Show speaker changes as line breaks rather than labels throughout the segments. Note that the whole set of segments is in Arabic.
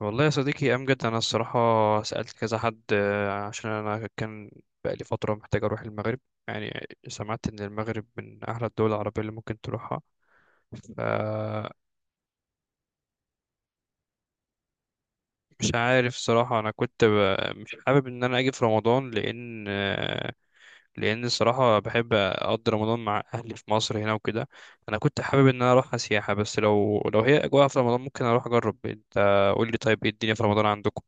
والله يا صديقي أمجد، أنا الصراحة سألت كذا حد عشان أنا كان بقالي فترة محتاج أروح المغرب. يعني سمعت إن المغرب من أحلى الدول العربية اللي ممكن تروحها، فمش عارف صراحة. أنا كنت مش حابب إن أنا أجي في رمضان، لأن الصراحة بحب أقضي رمضان مع أهلي في مصر هنا وكده. أنا كنت حابب إن أنا أروح سياحة، بس لو هي أجواء في رمضان ممكن أروح أجرب. أنت قول لي، طيب إيه الدنيا في رمضان عندكم؟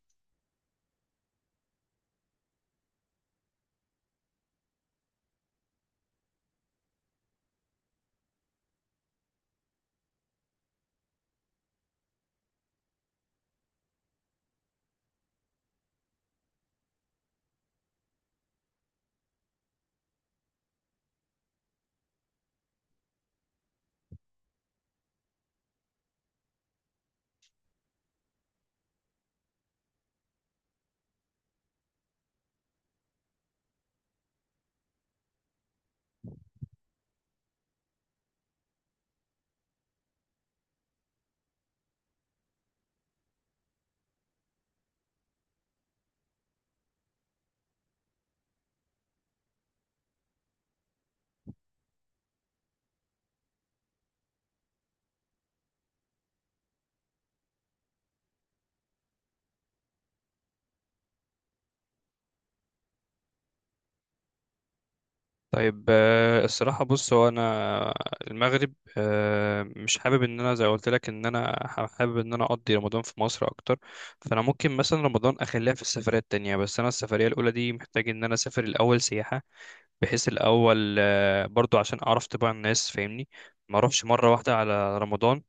طيب، الصراحة بص، هو أنا المغرب مش حابب إن أنا زي ما قلت لك إن أنا حابب إن أنا أقضي رمضان في مصر أكتر. فأنا ممكن مثلا رمضان أخليها في السفرية التانية، بس أنا السفرية الأولى دي محتاج إن أنا أسافر الأول سياحة، بحيث الأول برضو عشان أعرف طباع الناس، فاهمني؟ ما أروحش مرة واحدة على رمضان،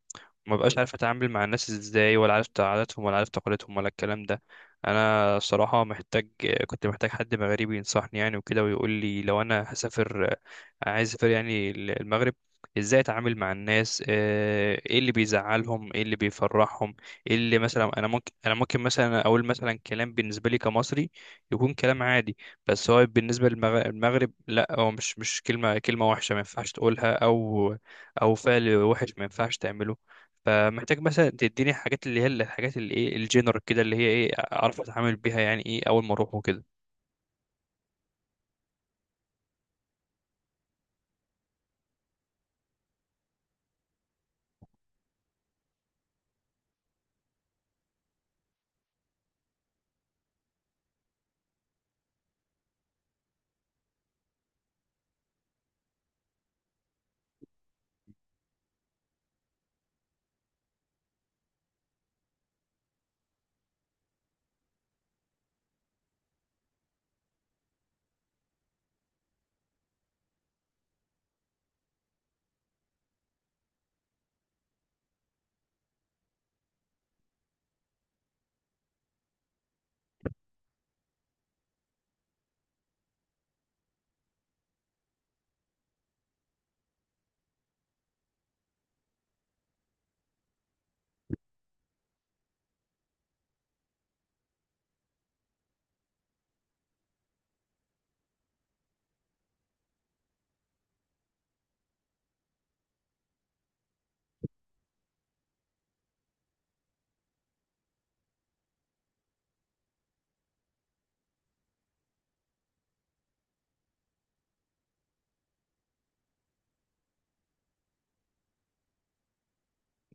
ما بقاش عارف اتعامل مع الناس ازاي ولا عارف عاداتهم ولا عارف تقاليدهم ولا الكلام ده. انا الصراحه محتاج، كنت محتاج حد مغربي ينصحني يعني وكده، ويقول لي لو انا هسافر، عايز اسافر يعني المغرب، ازاي اتعامل مع الناس، ايه اللي بيزعلهم، ايه اللي بيفرحهم، ايه اللي مثلا انا ممكن مثلا اقول مثلا كلام، بالنسبه لي كمصري يكون كلام عادي. بس هو بالنسبه للمغرب لا، هو مش كلمه، كلمه وحشه ما ينفعش تقولها، او فعل وحش ما ينفعش تعمله. فمحتاج مثلا تديني حاجات، اللي هي الحاجات اللي ايه الجنرال كده، اللي هي ايه اعرف اتعامل بيها، يعني ايه اول ما اروح وكده.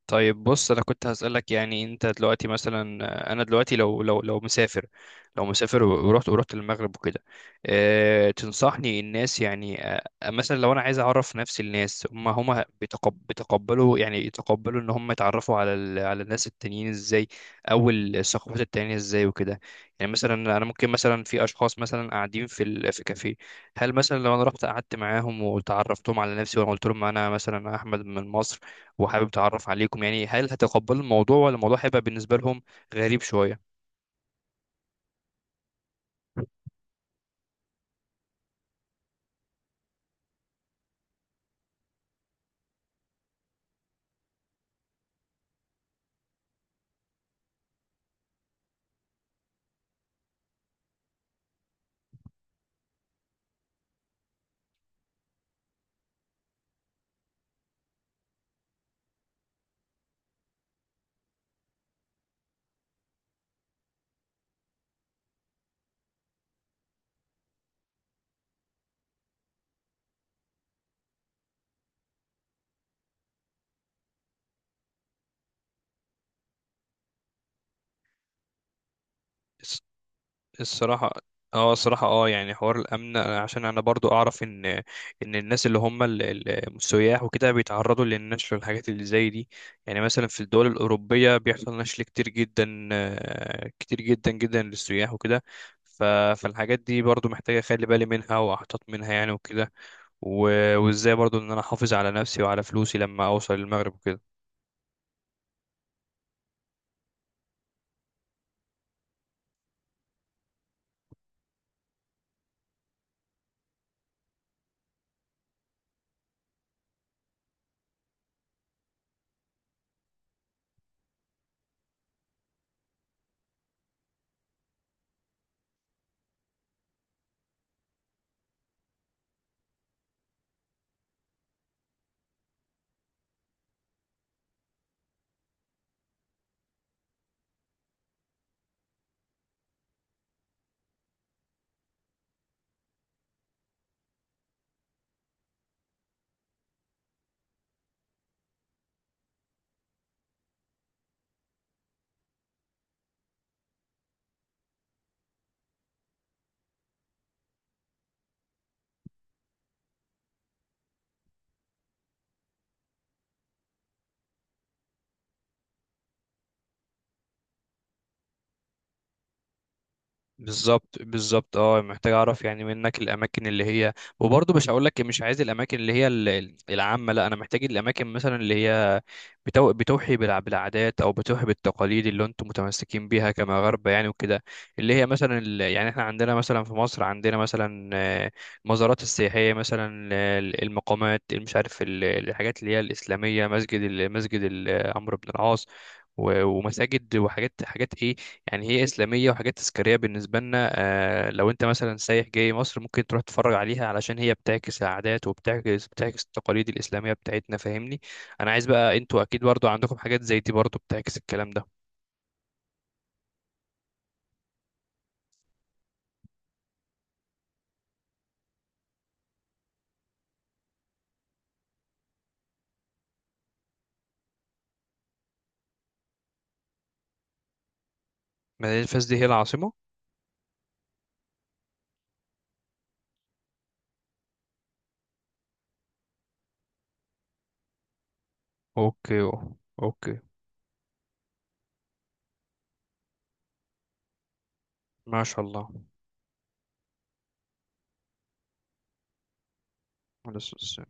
طيب بص، انا كنت هسألك يعني، انت دلوقتي مثلا، انا دلوقتي لو مسافر، لو مسافر ورحت المغرب وكده. تنصحني الناس يعني، مثلا لو انا عايز اعرف نفسي، الناس هم بيتقبلوا يعني يتقبلوا ان هم يتعرفوا على على الناس التانيين ازاي، او الثقافات التانية ازاي وكده. يعني مثلا انا ممكن، مثلا في اشخاص مثلا قاعدين في في كافيه، هل مثلا لو انا رحت قعدت معاهم وتعرفتهم على نفسي وانا قلت لهم انا مثلا احمد من مصر وحابب اتعرف عليكم، يعني هل هتقبلوا الموضوع ولا الموضوع هيبقى بالنسبه لهم غريب شويه؟ الص- الصراحه، اه الصراحه، يعني حوار الامن، عشان انا برضو اعرف ان الناس اللي هم السياح وكده بيتعرضوا للنشل والحاجات اللي زي دي. يعني مثلا في الدول الاوروبيه بيحصل نشل كتير جدا، كتير جدا جدا للسياح وكده. ف- فالحاجات دي برضو محتاجه اخلي بالي منها واحتاط منها يعني وكده، وازاي برضو ان انا احافظ على نفسي وعلى فلوسي لما اوصل المغرب وكده. بالظبط بالظبط، محتاج اعرف يعني منك الاماكن اللي هي، وبرضه مش هقول لك مش عايز الاماكن اللي هي العامه، لا، انا محتاج الاماكن مثلا اللي هي بتوحي بالعادات او بتوحي بالتقاليد اللي انتم متمسكين بيها كمغاربه يعني وكده. اللي هي مثلا يعني احنا عندنا مثلا في مصر، عندنا مثلا المزارات السياحيه، مثلا المقامات، مش عارف الحاجات اللي هي الاسلاميه، عمرو بن العاص ومساجد وحاجات، حاجات ايه، يعني هي اسلاميه وحاجات تذكاريه بالنسبه لنا. لو انت مثلا سايح جاي مصر ممكن تروح تتفرج عليها علشان هي بتعكس العادات وبتعكس التقاليد الاسلاميه بتاعتنا، فاهمني؟ انا عايز بقى، انتوا اكيد برضو عندكم حاجات زي دي برضو بتعكس الكلام ده. مدينه فاس دي هي العاصمه؟ اوكي، اوكي. ما شاء الله. على أساس-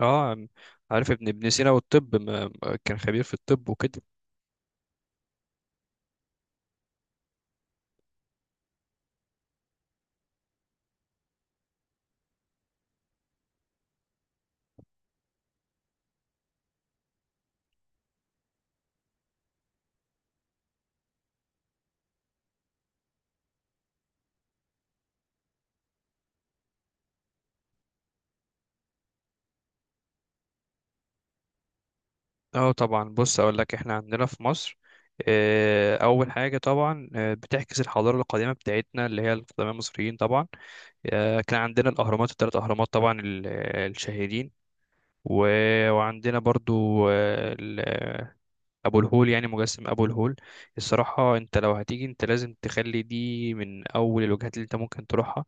اه عارف ابن سينا والطب، ما كان خبير في الطب وكده. اه طبعا، بص اقول لك، احنا عندنا في مصر، اول حاجه طبعا بتعكس الحضاره القديمه بتاعتنا اللي هي القدماء المصريين طبعا. كان عندنا الاهرامات، الثلاث اهرامات طبعا الشهيرين. وعندنا برضو ابو الهول، يعني مجسم ابو الهول. الصراحه انت لو هتيجي انت لازم تخلي دي من اول الوجهات اللي انت ممكن تروحها،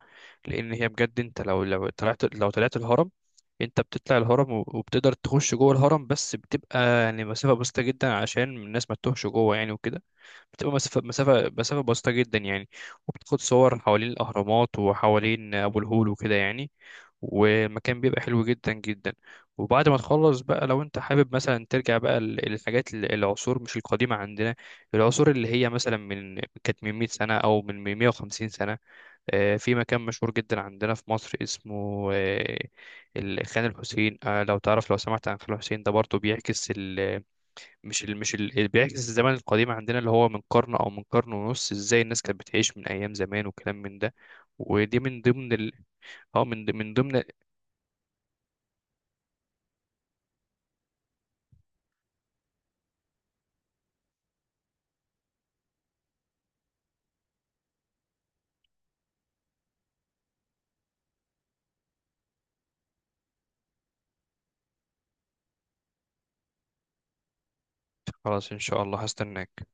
لان هي بجد. انت لو طلعت الهرم، انت بتطلع الهرم وبتقدر تخش جوه الهرم، بس بتبقى يعني مسافه بسيطه جدا عشان الناس ما تتوهش جوه يعني وكده. بتبقى مسافة بسيطة جدا يعني. وبتاخد صور حوالين الأهرامات وحوالين أبو الهول وكده يعني، والمكان بيبقى حلو جدا جدا. وبعد ما تخلص بقى، لو انت حابب مثلا ترجع بقى للحاجات العصور مش القديمة عندنا، العصور اللي هي مثلا من كانت من 100 سنة أو من 150 سنة. في مكان مشهور جدا عندنا في مصر اسمه خان الحسين. لو تعرف، لو سمعت عن خان الحسين ده برضه بيعكس مش ال... مش ال... اللي بيعكس الزمن القديم عندنا، اللي هو من قرن او من قرن ونص، ازاي الناس كانت بتعيش من ايام زمان وكلام من ده. ودي من ضمن ال... اه من من ضمن. خلاص، ان شاء الله هستناك.